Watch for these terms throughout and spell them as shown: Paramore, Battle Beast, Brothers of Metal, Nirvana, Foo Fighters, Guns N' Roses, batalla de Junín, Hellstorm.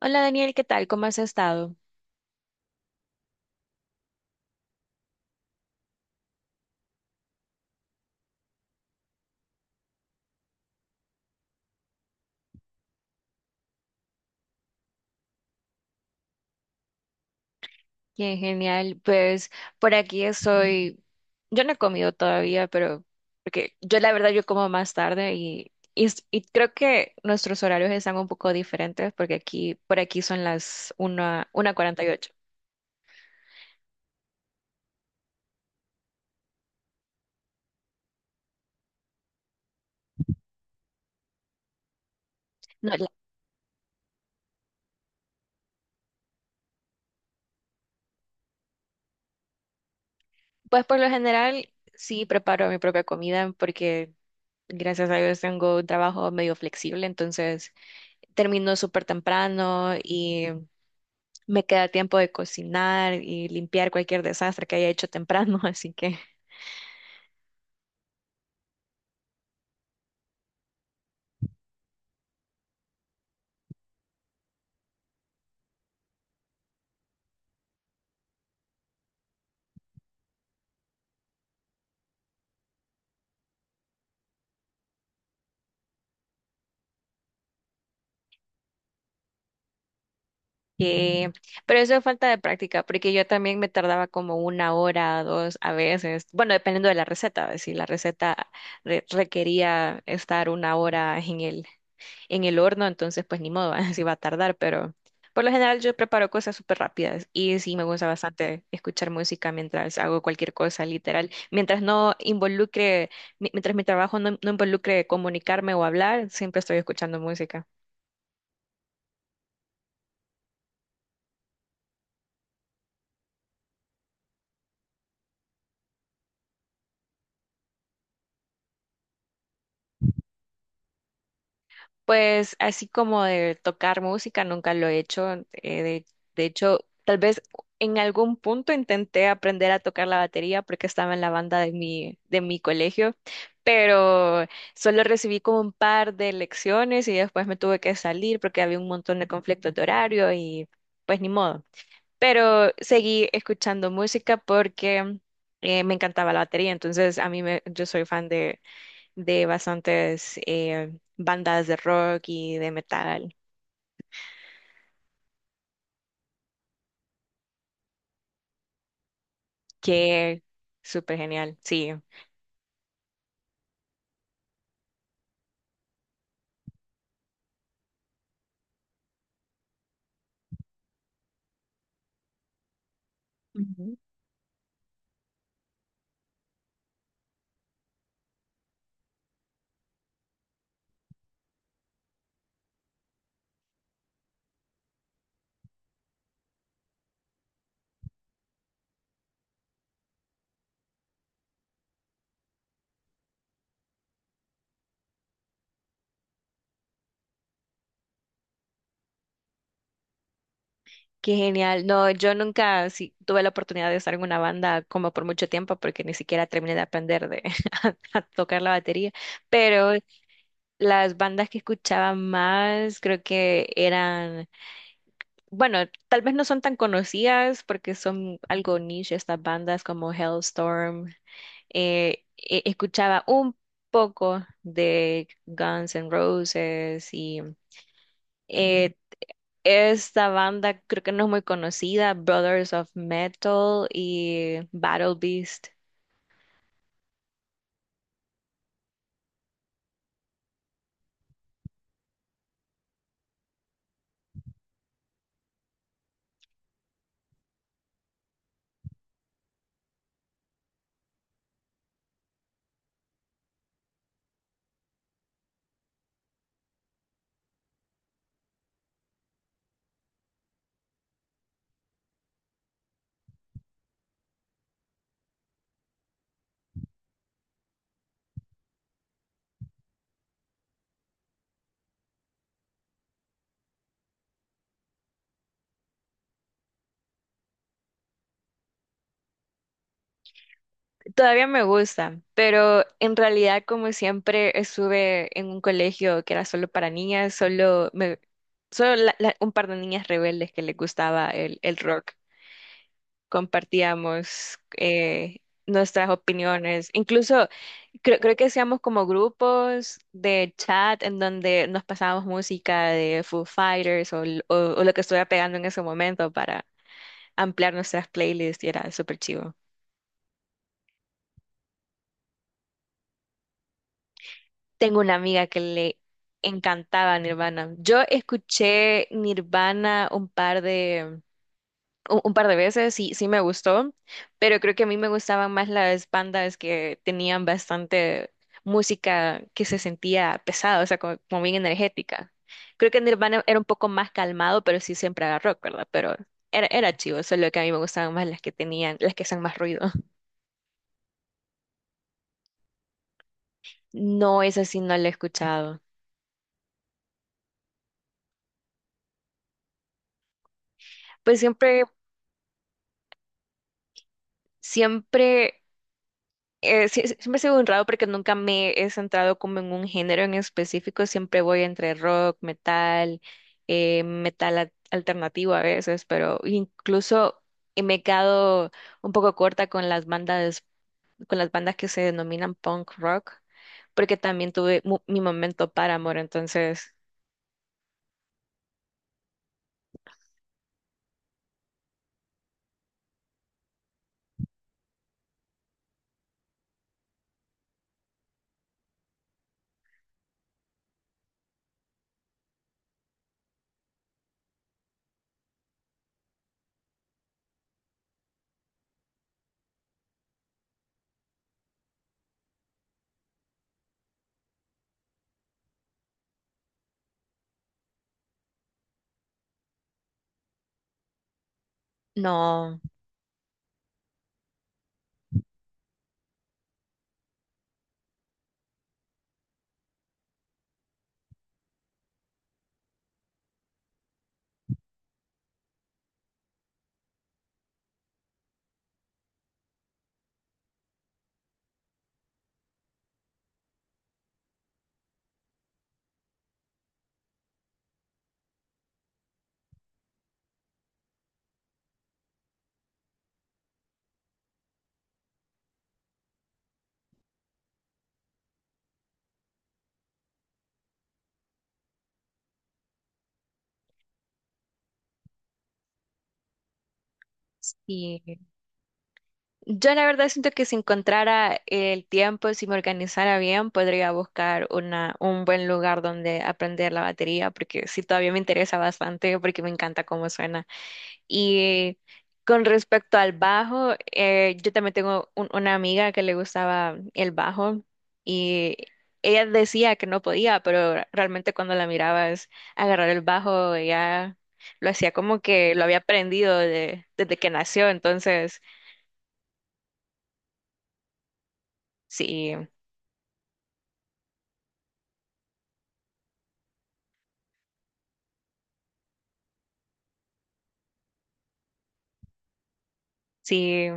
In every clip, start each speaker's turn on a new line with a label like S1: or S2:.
S1: Hola Daniel, ¿qué tal? ¿Cómo has estado? Bien, genial. Pues por aquí estoy. Yo no he comido todavía, pero porque yo la verdad yo como más tarde y creo que nuestros horarios están un poco diferentes porque aquí por aquí son las 1, 1:48. No, la- pues por lo general sí preparo mi propia comida porque gracias a Dios tengo un trabajo medio flexible, entonces termino súper temprano. Me queda tiempo de cocinar y limpiar cualquier desastre que haya hecho temprano, así que... que- pero eso es falta de práctica, porque yo también me tardaba como una hora, dos a veces, bueno, dependiendo de la receta, ¿ves? Si la receta requería estar una hora en el horno, entonces pues ni modo, así va a tardar, pero por lo general yo preparo cosas súper rápidas y sí me gusta bastante escuchar música mientras hago cualquier cosa, literal, mientras no involucre, mientras mi trabajo no involucre comunicarme o hablar, siempre estoy escuchando música. Pues así como de tocar música, nunca lo he hecho. De hecho, tal vez en algún punto intenté aprender a tocar la batería porque estaba en la banda de mi colegio, pero solo recibí como un par de lecciones y después me tuve que salir porque había un montón de conflictos de horario y pues ni modo. Pero seguí escuchando música porque me encantaba la batería, entonces yo soy fan de bastantes bandas de rock y de metal. Qué súper genial, sí. Ujú. Qué genial. No, yo nunca, sí, tuve la oportunidad de estar en una banda como por mucho tiempo porque ni siquiera terminé de aprender a tocar la batería, pero las bandas que escuchaba más creo que eran, bueno, tal vez no son tan conocidas porque son algo niche, estas bandas como Hellstorm. Escuchaba un poco de Guns N' Roses y eh, esta banda creo que no es muy conocida, Brothers of Metal y Battle Beast. Todavía me gusta, pero en realidad como siempre estuve en un colegio que era solo para niñas, solo me, solo la- la- un par de niñas rebeldes que les gustaba el rock. Compartíamos nuestras opiniones. Incluso creo que hacíamos como grupos de chat en donde nos pasábamos música de Foo Fighters o lo que estuviera pegando en ese momento para ampliar nuestras playlists y era súper chivo. Tengo una amiga que le encantaba Nirvana. Yo escuché Nirvana un par de... un par de veces, sí, sí me gustó, pero creo que a mí me gustaban más las bandas que tenían bastante música que se sentía pesada, o sea, como, como bien energética. Creo que Nirvana era un poco más calmado, pero sí, siempre era rock, ¿verdad? Pero era, era chivo, solo que a mí me gustaban más las que tenían, las que hacían más ruido. No, esa sí no la he escuchado. Pues siempre, siempre. Siempre he sido un raro porque nunca me he centrado como en un género en específico, siempre voy entre rock, metal, metal alternativo a veces, pero incluso me he quedado un poco corta con las bandas que se denominan punk rock, porque también tuve mi momento Paramore, entonces no, sí. Yo la verdad siento que si encontrara el tiempo, si me organizara bien, podría buscar un buen lugar donde aprender la batería, porque sí, todavía me interesa bastante, porque me encanta cómo suena. Y con respecto al bajo, yo también tengo una amiga que le gustaba el bajo y ella decía que no podía, pero realmente cuando la mirabas agarrar el bajo, ella lo hacía como que lo había aprendido desde que nació, entonces... Sí, sí,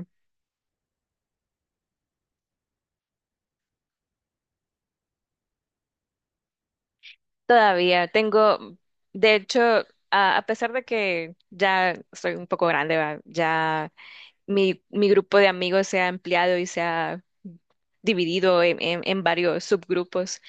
S1: todavía tengo, de hecho, a pesar de que ya soy un poco grande, ¿va? Ya mi grupo de amigos se ha ampliado y se ha dividido en, en varios subgrupos.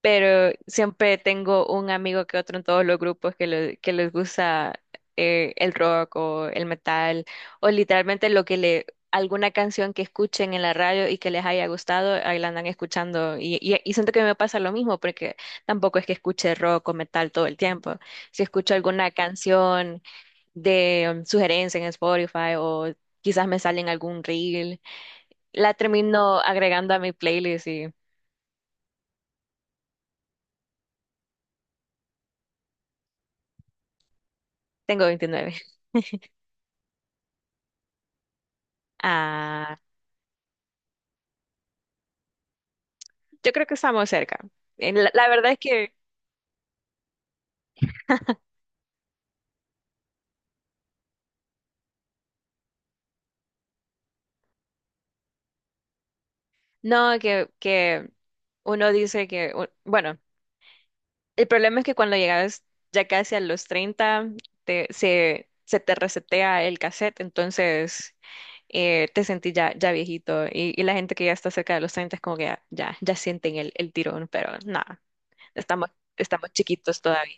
S1: Pero siempre tengo un amigo que otro en todos los grupos que, que les gusta el rock o el metal o literalmente lo que le, alguna canción que escuchen en la radio y que les haya gustado, ahí la andan escuchando y siento que me pasa lo mismo porque tampoco es que escuche rock o metal todo el tiempo. Si escucho alguna canción de sugerencia en Spotify o quizás me sale en algún reel, la termino agregando a mi playlist y tengo 29. Yo creo que estamos cerca. La verdad es que no, que uno dice que, bueno, el problema es que cuando llegas ya casi a los 30 se te resetea el cassette, entonces te sentís ya, ya viejito. Y la gente que ya está cerca de los 30 es como que ya, ya, ya sienten el tirón, pero nada, estamos, estamos chiquitos todavía.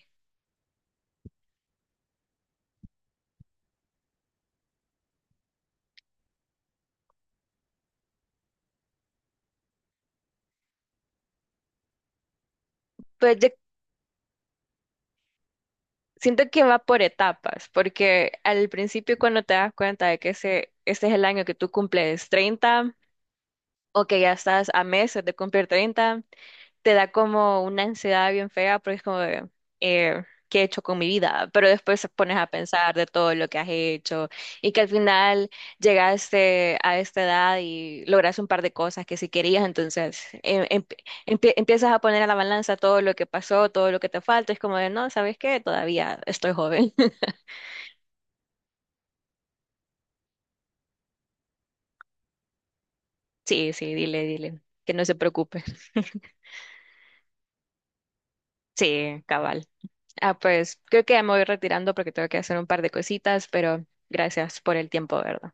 S1: Pues yo siento que va por etapas, porque al principio cuando te das cuenta de que ese es el año que tú cumples 30 o que ya estás a meses de cumplir 30, te da como una ansiedad bien fea porque es como, de, eh, ¿qué he hecho con mi vida? Pero después te pones a pensar de todo lo que has hecho y que al final llegaste a esta edad y lograste un par de cosas que sí querías, entonces empiezas a poner a la balanza todo lo que pasó, todo lo que te falta, es como de, no, ¿sabes qué? Todavía estoy joven. Sí, sí, dile, dile, que no se preocupe. Sí, cabal. Ah, pues creo que ya me voy retirando porque tengo que hacer un par de cositas, pero gracias por el tiempo, ¿verdad?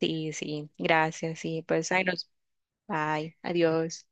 S1: Sí, sí, gracias, sí, pues ahí nos, bye, adiós.